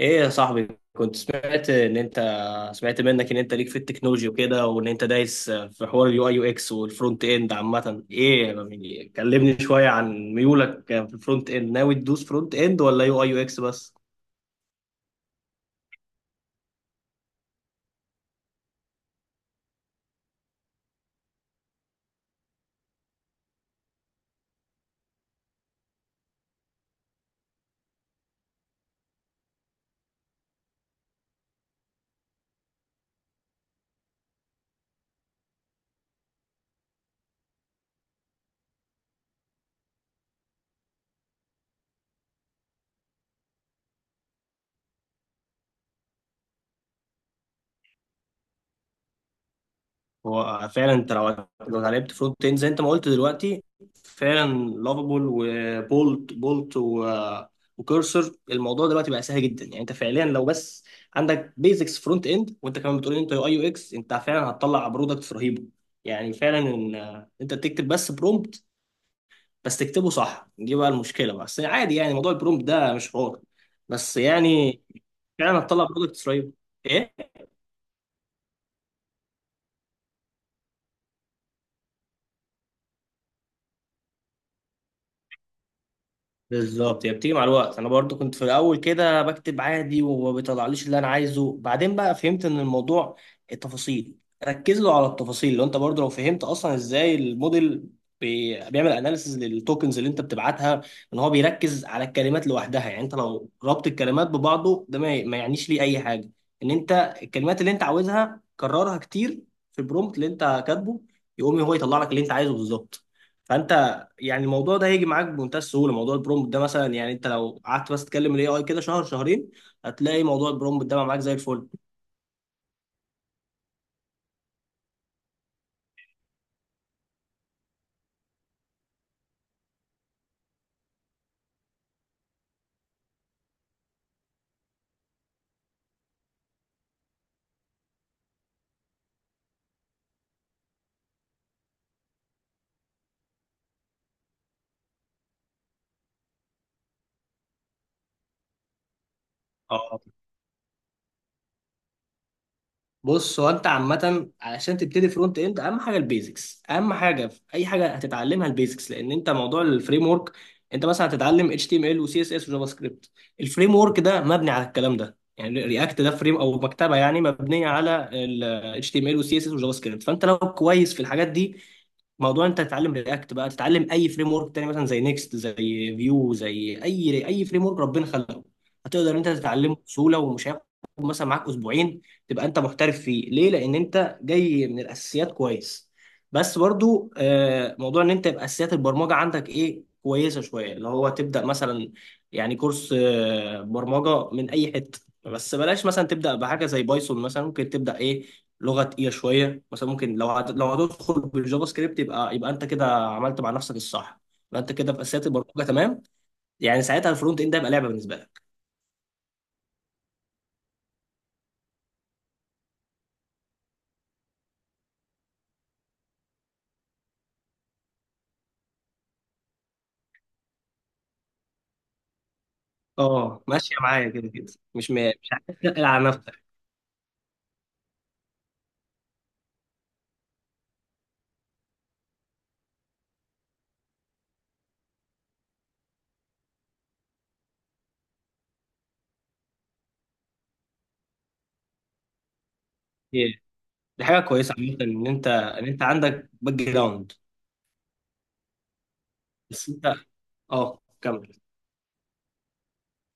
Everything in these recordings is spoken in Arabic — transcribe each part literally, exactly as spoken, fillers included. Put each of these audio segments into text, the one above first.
ايه يا صاحبي، كنت سمعت ان انت، سمعت منك ان انت ليك في التكنولوجي وكده وان انت دايس في حوار اليو اي يو اكس والفرونت اند. عامة ايه يعني، كلمني شوية عن ميولك في الفرونت اند. ناوي تدوس فرونت اند ولا يو اي يو اكس بس؟ هو فعلا انت لو لو لعبت فرونت اند زي انت ما قلت دلوقتي، فعلا لافابول وبولت بولت و- وكورسر، الموضوع دلوقتي بقى سهل جدا. يعني انت فعليا لو بس عندك بيزكس فرونت اند وانت كمان بتقول ان انت يو اي يو اكس، انت فعلا هتطلع برودكت رهيبه. يعني فعلا ان آه، انت تكتب بس برومبت، بس تكتبه صح، دي بقى المشكله بقى. بس عادي يعني، موضوع البرومبت ده مش حوار بس يعني. فعلا هتطلع برودكت رهيب. بالظبط، هي بتيجي مع الوقت. انا برضو كنت في الاول كده بكتب عادي وما بيطلعليش اللي انا عايزه، بعدين بقى فهمت ان الموضوع التفاصيل. ركز له على التفاصيل. لو انت برضو لو فهمت اصلا ازاي الموديل بي- بيعمل اناليسز للتوكنز اللي انت بتبعتها، ان هو بيركز على الكلمات لوحدها. يعني انت لو ربط الكلمات ببعضه ده ما ما يعنيش ليه اي حاجه. ان انت الكلمات اللي انت عاوزها كررها كتير في البرومبت اللي انت كاتبه، يقوم هو يطلع لك اللي انت عايزه بالظبط. فانت يعني الموضوع ده هيجي معاك بمنتهى السهوله. موضوع البرومبت ده مثلا يعني انت لو قعدت بس تكلم الاي اي كده شهر شهرين، هتلاقي موضوع البرومبت ده بقى معاك زي الفل. اه، بص، هو انت عامه علشان تبتدي فرونت اند اهم حاجه البيزكس. اهم حاجه في اي حاجه هتتعلمها البيزكس، لان انت موضوع الفريم ورك، انت مثلا هتتعلم اتش تي ام ال وسي اس اس وجافا سكريبت. الفريم ورك ده مبني على الكلام ده، يعني رياكت ده فريم او مكتبه يعني مبنيه على ال H T M L وال C S S وجافا سكريبت. فانت لو كويس في الحاجات دي، موضوع انت تتعلم رياكت بقى تتعلم اي فريم ورك تاني مثلا زي نيكست، زي فيو، زي اي اي فريم ورك ربنا خلقه، هتقدر انت تتعلمه بسهوله ومش هياخد مثلا معاك اسبوعين. تبقى انت محترف فيه. ليه؟ لان انت جاي من الاساسيات كويس. بس برضو آه، موضوع ان انت يبقى اساسيات البرمجه عندك ايه كويسه شويه، اللي هو تبدا مثلا يعني كورس آه، برمجه من اي حته. بس بلاش مثلا تبدا بحاجه زي بايثون، مثلا ممكن تبدا ايه لغه تقيله شويه. مثلا ممكن لو هت... لو هتدخل بالجافا سكريبت، يبقى يبقى انت كده عملت مع نفسك الصح. يبقى انت كده في اساسيات البرمجه تمام. يعني ساعتها الفرونت اند ده يبقى لعبه بالنسبه لك. اه، ماشيه معايا كده كده. مش م... مش عايز تقل على نفسك. إيه. دي حاجه كويسه عامه ان انت، ان انت عندك باك جراوند. بس انت، اه كمل.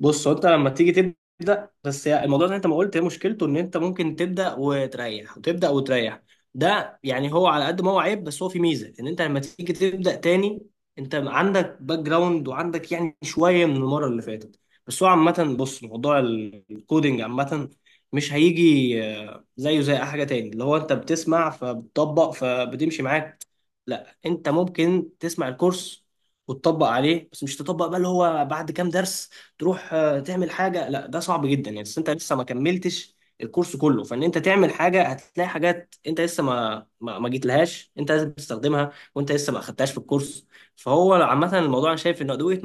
بص، هو انت لما تيجي تبدا، بس هي الموضوع اللي انت ما قلت هي مشكلته، ان انت ممكن تبدا وتريح وتبدا وتريح. ده يعني هو على قد ما هو عيب، بس هو في ميزه، ان انت لما تيجي تبدا تاني، انت عندك باك جراوند وعندك يعني شويه من المره اللي فاتت. بس هو عامه، بص، موضوع ال- الكودينج عامه مش هيجي آه، زيه زي اي حاجه تاني اللي هو انت بتسمع فبتطبق فبتمشي معاك. لا، انت ممكن تسمع الكورس وتطبق عليه، بس مش تطبق بقى اللي هو بعد كام درس تروح آه، تعمل حاجه. لا، ده صعب جدا يعني. بس انت لسه ما كملتش الكورس كله، فان انت تعمل حاجه هتلاقي حاجات انت لسه ما ما, ما جيت لهاش، انت لازم تستخدمها وانت لسه ما اخدتهاش في الكورس. فهو عامه الموضوع انا شايف انه ادويه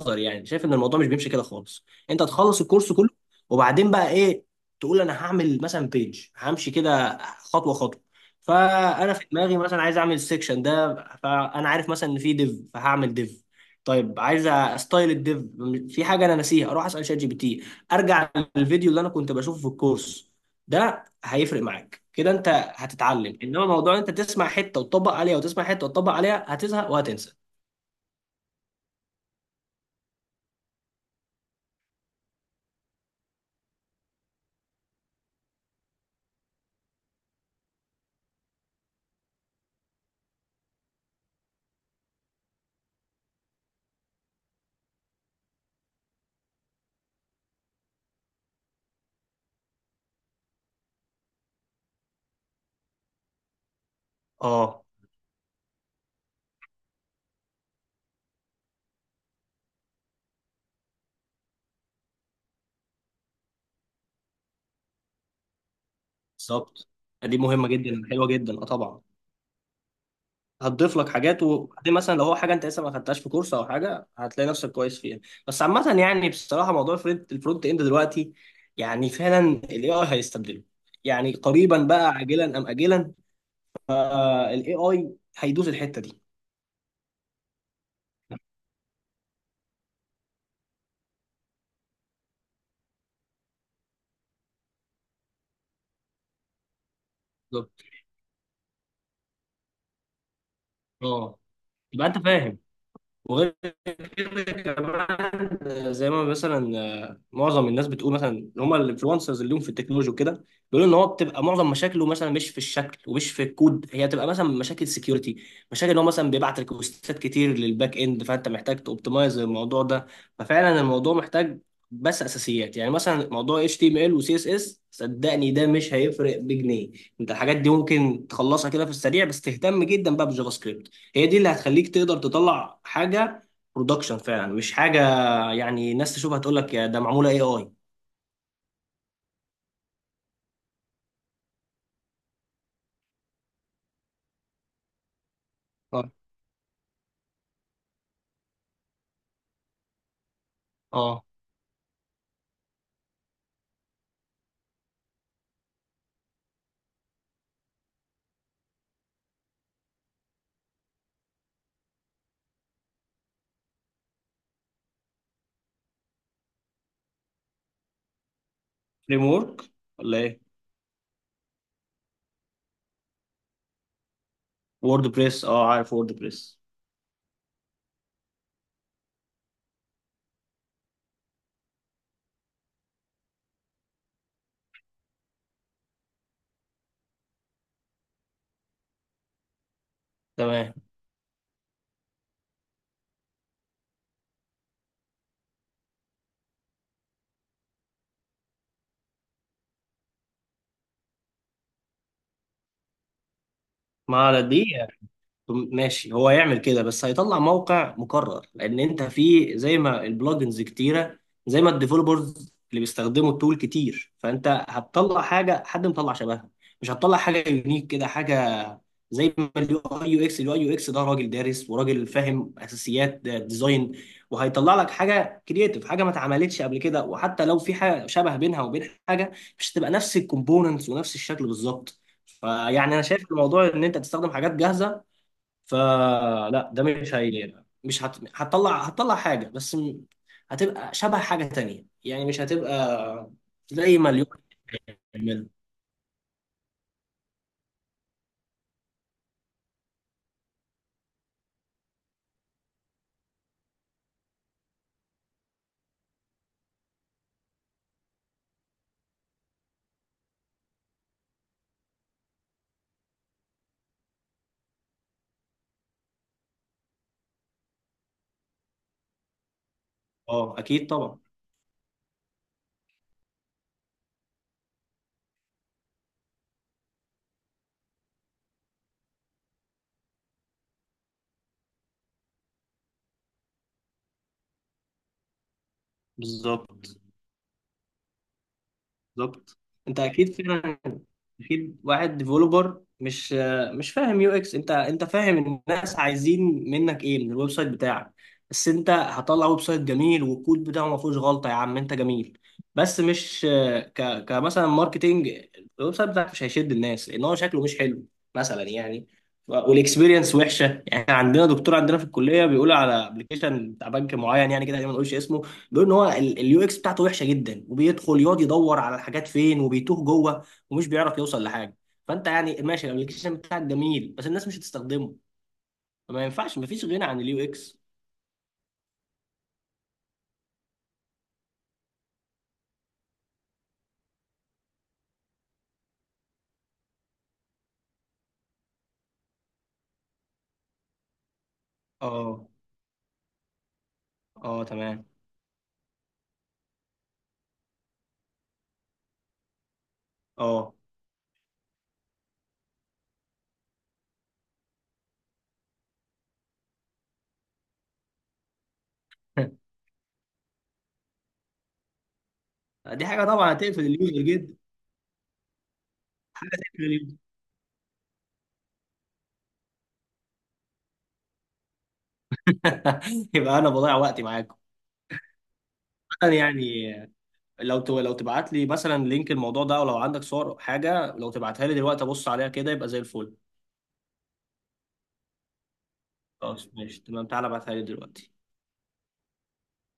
نظري. يعني شايف ان الموضوع مش بيمشي كده خالص. انت تخلص الكورس كله وبعدين بقى ايه تقول انا هعمل مثلا بيج، همشي كده خطوه خطوه. فانا في دماغي مثلا عايز اعمل السكشن ده، فانا عارف مثلا ان في ديف فهعمل ديف. طيب، عايز استايل الديف، في حاجه انا ناسيها، اروح اسال شات جي بي تي. ارجع للفيديو اللي انا كنت بشوفه في الكورس. ده هيفرق معاك كده. انت هتتعلم. انما موضوع انت تسمع حته وتطبق عليها، وتسمع حته وتطبق عليها، هتزهق وهتنسى. اه، بالظبط. دي مهمه جدا، حلوه جدا. اه، طبعا هتضيف لك حاجات. وبعدين مثلا لو هو حاجه انت لسه ما خدتهاش في كورس او حاجه، هتلاقي نفسك كويس فيها. بس عامه يعني بصراحه، موضوع الفرونت الفرونت اند دلوقتي، يعني فعلا الاي اي هيستبدله. يعني قريبا بقى، عاجلا ام اجلا الاي اي هيدوس الحته دي. بالظبط، اه. يبقى انت فاهم. وغير كده كمان زي ما مثلا آه، معظم الناس بتقول، مثلا اللي هم الانفلونسرز اللي هم في التكنولوجي وكده، بيقولوا ان هو بتبقى معظم مشاكله مثلا مش في الشكل ومش في الكود، هي بتبقى مثلا مشاكل سكيورتي، مشاكل ان هو مثلا بيبعت ريكوستات كتير للباك اند، فانت محتاج توبتمايز الموضوع ده. ففعلا الموضوع محتاج بس اساسيات. يعني مثلا موضوع اتش تي ام ال وسي اس اس، صدقني ده مش هيفرق بجنيه. انت الحاجات دي ممكن تخلصها كده في السريع، بس تهتم جدا بقى بالجافا سكريبت. هي دي اللي هتخليك تقدر تطلع حاجه برودكشن فعلا، مش حاجه يعني ناس تشوفها تقول لك يا ده معموله اي اي. اه، اه. فريم ورك ولا ايه؟ وورد بريس، اه عارف وورد بريس. تمام. ما على دي، طب ماشي هو يعمل كده، بس هيطلع موقع مكرر، لان انت في زي ما البلجنز كتيره، زي ما الديفلوبرز اللي بيستخدموا التول كتير، فانت هتطلع حاجه حد مطلع شبهها، مش هتطلع حاجه يونيك كده. حاجه زي ما اليو اي يو اكس، اليو اي يو اكس ده راجل دارس وراجل فاهم اساسيات ديزاين، وهيطلع لك حاجه كرييتيف، حاجه ما اتعملتش قبل كده. وحتى لو في حاجه شبه بينها وبين حاجه، مش هتبقى نفس الكومبوننتس ونفس الشكل بالظبط. فيعني انا شايف الموضوع ان انت تستخدم حاجات جاهزه، فلا، ده مش هيليق، مش هت... هتطلع، هتطلع حاجة، بس م- هتبقى شبه حاجة تانية يعني، مش هتبقى زي ما اليوم بيعمله. اه، اكيد طبعا. بالظبط، بالظبط. انت اكيد فعلا، اكيد واحد ديفلوبر مش، مش فاهم يو اكس. انت، انت فاهم الناس عايزين منك ايه من الويب سايت بتاعك. بس انت هطلع ويب سايت جميل والكود بتاعه ما فيهوش غلطه، يا عم انت جميل بس مش ك كمثلا ماركتينج. الويب سايت بتاعك مش هيشد الناس لان هو شكله مش حلو مثلا يعني، ف- والاكسبيرينس وحشه. يعني عندنا دكتور عندنا في الكليه بيقول على ابلكيشن بتاع بنك معين، يعني كده ما نقولش اسمه، بيقول ان هو اليو اكس بتاعته وحشه جدا، وبيدخل يقعد يدور على الحاجات فين، وبيتوه جوه ومش بيعرف يوصل لحاجه. فانت يعني ماشي الابلكيشن بتاعك جميل، بس الناس مش هتستخدمه. فما ينفعش، مفيش غنى عن اليو اكس. اه، اه، تمام. اه. دي حاجه طبعا هتقفل اليوزر جدا. هتقفل اليوزر. يبقى انا بضيع وقتي معاكم. أنا يعني لو ت- لو تبعت لي مثلا لينك الموضوع ده، او لو عندك صور أو حاجه، لو تبعتها لي دلوقتي ابص عليها كده، يبقى زي الفل. خلاص ماشي، تمام، تعالى ابعتها لي دلوقتي.